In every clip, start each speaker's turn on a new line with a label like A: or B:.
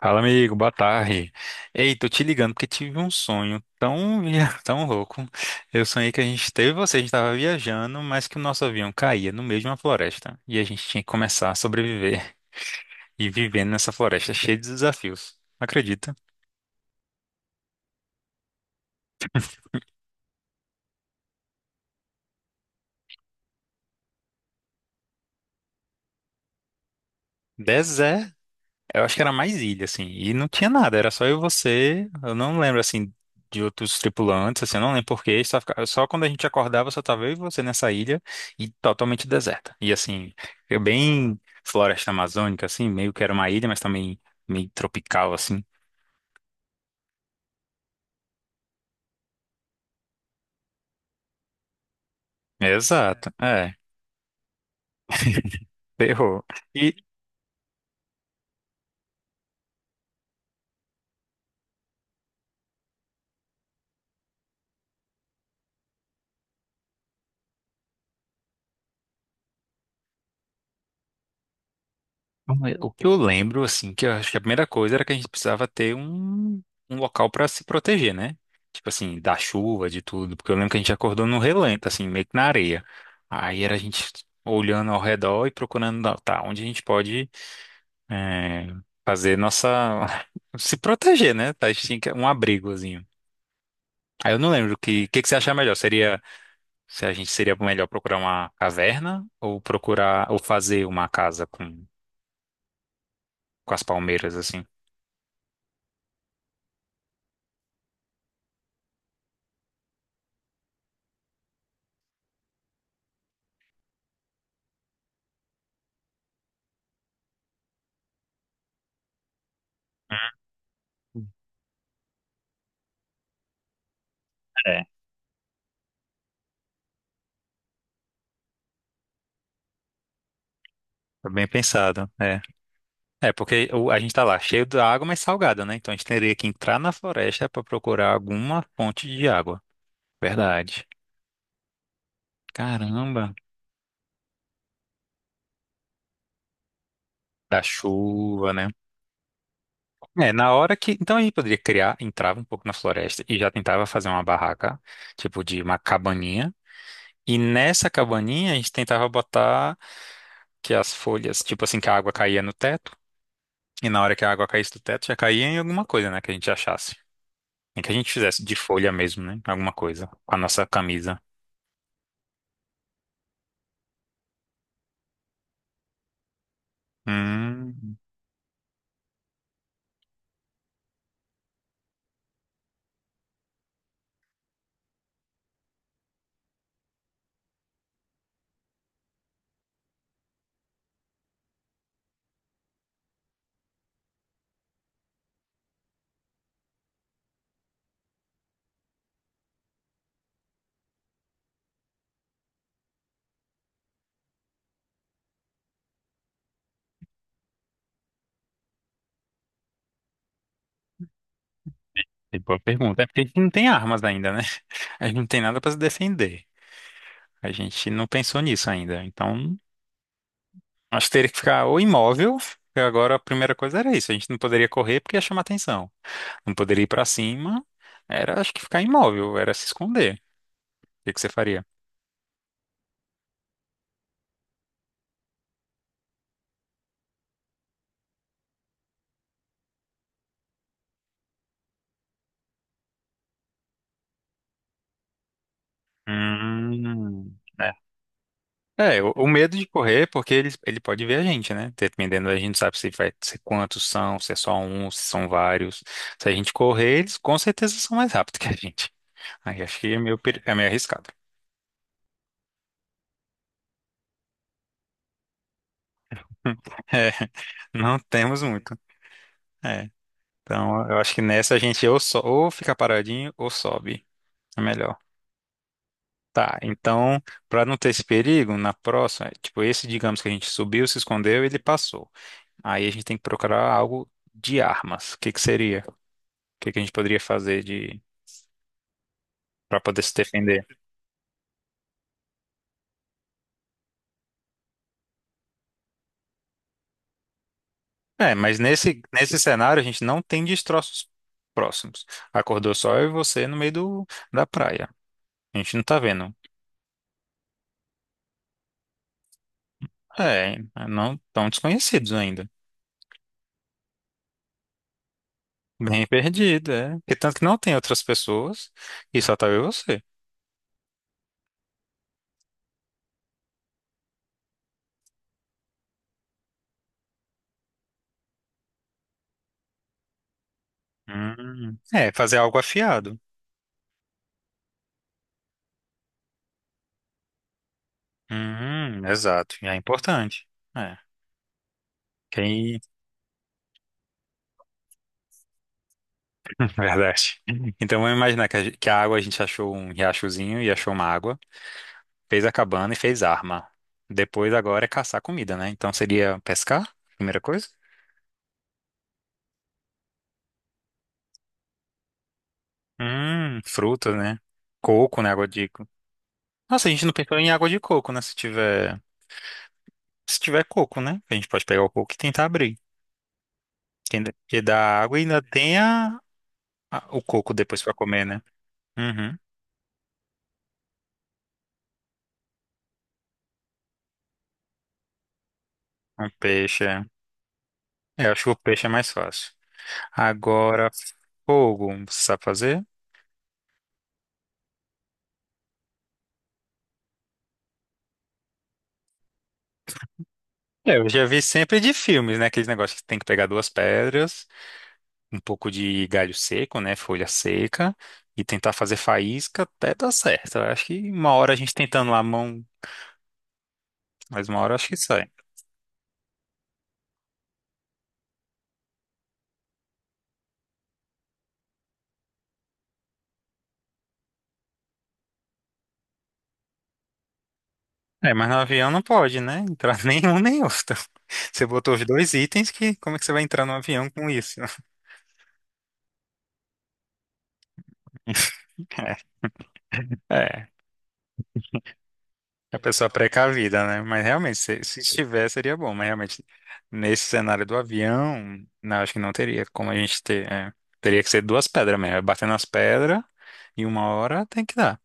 A: Fala, amigo, boa tarde. Ei, tô te ligando porque tive um sonho tão, tão louco. Eu sonhei que a gente teve você, a gente tava viajando, mas que o nosso avião caía no meio de uma floresta e a gente tinha que começar a sobreviver e vivendo nessa floresta cheia de desafios. Acredita? Eu acho que era mais ilha, assim, e não tinha nada, era só eu e você. Eu não lembro, assim, de outros tripulantes, assim, eu não lembro porquê. Só, só quando a gente acordava, só tava eu e você nessa ilha e totalmente deserta. E, assim, eu bem floresta amazônica, assim, meio que era uma ilha, mas também meio tropical, assim. Exato, é, ferrou. O que eu lembro, assim, que eu acho que a primeira coisa era que a gente precisava ter um, um local para se proteger, né? Tipo assim, da chuva, de tudo. Porque eu lembro que a gente acordou no relento, assim, meio que na areia. Aí era a gente olhando ao redor e procurando, não, tá, onde a gente pode é, fazer nossa. Se proteger, né? Tá, a gente tinha um abrigozinho. Aí eu não lembro que você achar melhor. Seria se a gente seria melhor procurar uma caverna ou procurar ou fazer uma casa com as palmeiras, assim. Foi bem pensado, é. É, porque a gente tá lá cheio da água, mas salgada, né? Então a gente teria que entrar na floresta para procurar alguma fonte de água. Verdade. Caramba. Da chuva, né? É, na hora que. Então a gente poderia criar, entrava um pouco na floresta e já tentava fazer uma barraca, tipo de uma cabaninha. E nessa cabaninha a gente tentava botar que as folhas, tipo assim, que a água caía no teto. E na hora que a água caísse do teto, já caía em alguma coisa, né? Que a gente achasse. Nem que a gente fizesse de folha mesmo, né? Alguma coisa. Com a nossa camisa. Hum, é boa pergunta. É porque a gente não tem armas ainda, né? A gente não tem nada pra se defender. A gente não pensou nisso ainda. Então, acho que teria que ficar ou imóvel. Porque Agora a primeira coisa era isso. A gente não poderia correr porque ia chamar atenção. Não poderia ir pra cima. Era, acho que ficar imóvel, era se esconder. O que você faria? Hum, É, o medo de correr, é porque ele pode ver a gente, né? Dependendo, a gente sabe se vai se quantos são, se é só um, se são vários. Se a gente correr, eles com certeza são mais rápidos que a gente. Aí acho que é meio, é meio arriscado. É, não temos muito. É, então eu acho que nessa a gente ou, ou fica paradinho ou sobe. É melhor. Tá, então, para não ter esse perigo, na próxima, tipo, esse, digamos que a gente subiu, se escondeu, ele passou. Aí a gente tem que procurar algo de armas. O que que seria? Que a gente poderia fazer de para poder se defender? É, mas nesse cenário a gente não tem destroços próximos. Acordou só eu e você no meio do, da praia. A gente não tá vendo. É, não tão desconhecidos ainda. Bem perdido, é. Porque tanto que não tem outras pessoas e só tá eu e você. É, fazer algo afiado. Exato. E é importante. É. Quem... Verdade. Então vamos imaginar que que a água a gente achou um riachozinho e achou uma água. Fez a cabana e fez arma. Depois agora é caçar comida, né? Então seria pescar, primeira coisa. Frutas, né? Coco, né? Água de... Nossa, a gente não pensou em água de coco, né? Se tiver... Se tiver coco, né? A gente pode pegar o coco e tentar abrir. Porque dá água e ainda tem a... o coco depois pra comer, né? Uhum. Um peixe, é. É, eu acho que o peixe é mais fácil. Agora, fogo, você sabe fazer? É, eu já vi sempre de filmes, né? Aqueles negócios que tem que pegar duas pedras um pouco de galho seco, né? Folha seca. E tentar fazer faísca até dar certo. Eu acho que uma hora a gente tentando lá a mão, mas uma hora eu acho que sai. É, mas no avião não pode, né? Entrar nenhum nem outro. Você botou os dois itens que como é que você vai entrar no avião com isso? É, é, a pessoa precavida, né? Mas realmente, se estiver, seria bom. Mas realmente, nesse cenário do avião, não, acho que não teria como a gente ter. É. Teria que ser duas pedras mesmo. É, batendo as pedras e uma hora tem que dar.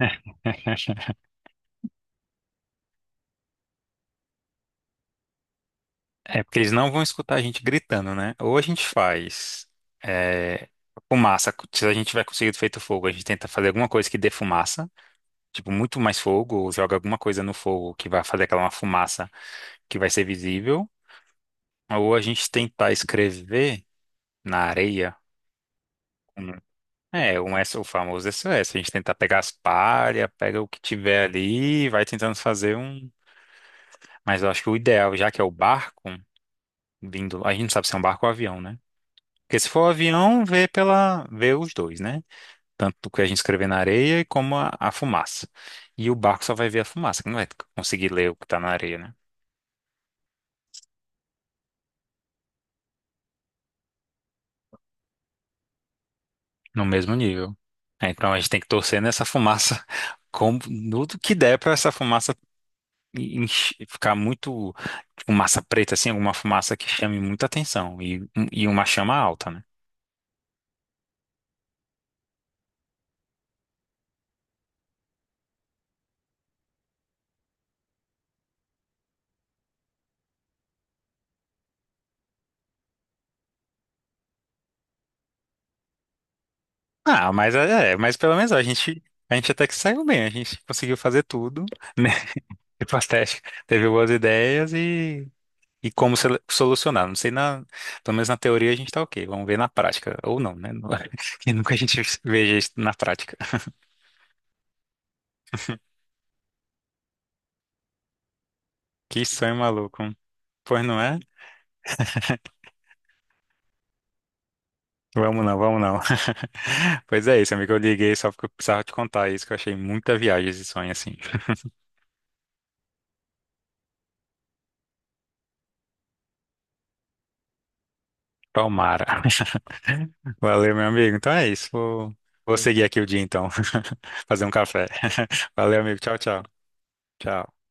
A: É porque eles não vão escutar a gente gritando, né? Ou a gente faz é, fumaça, se a gente tiver conseguido feito fogo, a gente tenta fazer alguma coisa que dê fumaça, tipo muito mais fogo, ou joga alguma coisa no fogo que vai fazer aquela uma fumaça que vai ser visível, ou a gente tentar escrever na areia. um- É, um S, o famoso SOS. A gente tentar pegar as palhas, pega o que tiver ali, e vai tentando fazer um. Mas eu acho que o ideal, já que é o barco vindo, a gente não sabe se é um barco ou avião, né? Porque se for o avião, vê pela, vê os dois, né? Tanto o que a gente escrever na areia como a fumaça. E o barco só vai ver a fumaça, que não vai conseguir ler o que tá na areia, né? No mesmo nível. É, então a gente tem que torcer nessa fumaça, como tudo que der para essa fumaça ficar muito fumaça preta, assim, alguma fumaça que chame muita atenção e uma chama alta, né? Ah, mas é, é, mas pelo menos a gente até que saiu bem, a gente conseguiu fazer tudo, né? Tipo, as testes, teve boas ideias e como solucionar. Não sei, na, pelo menos na teoria a gente tá ok. Vamos ver na prática. Ou não, né? Que nunca a gente veja isso na prática. Que sonho maluco. Pois não é? Vamos não, vamos não. Pois é isso, amigo. Eu liguei só porque eu precisava te contar isso, que eu achei muita viagem esse sonho assim. Palmara. Valeu, meu amigo. Então é isso. Vou, vou seguir aqui o dia então. Fazer um café. Valeu, amigo. Tchau, tchau. Tchau.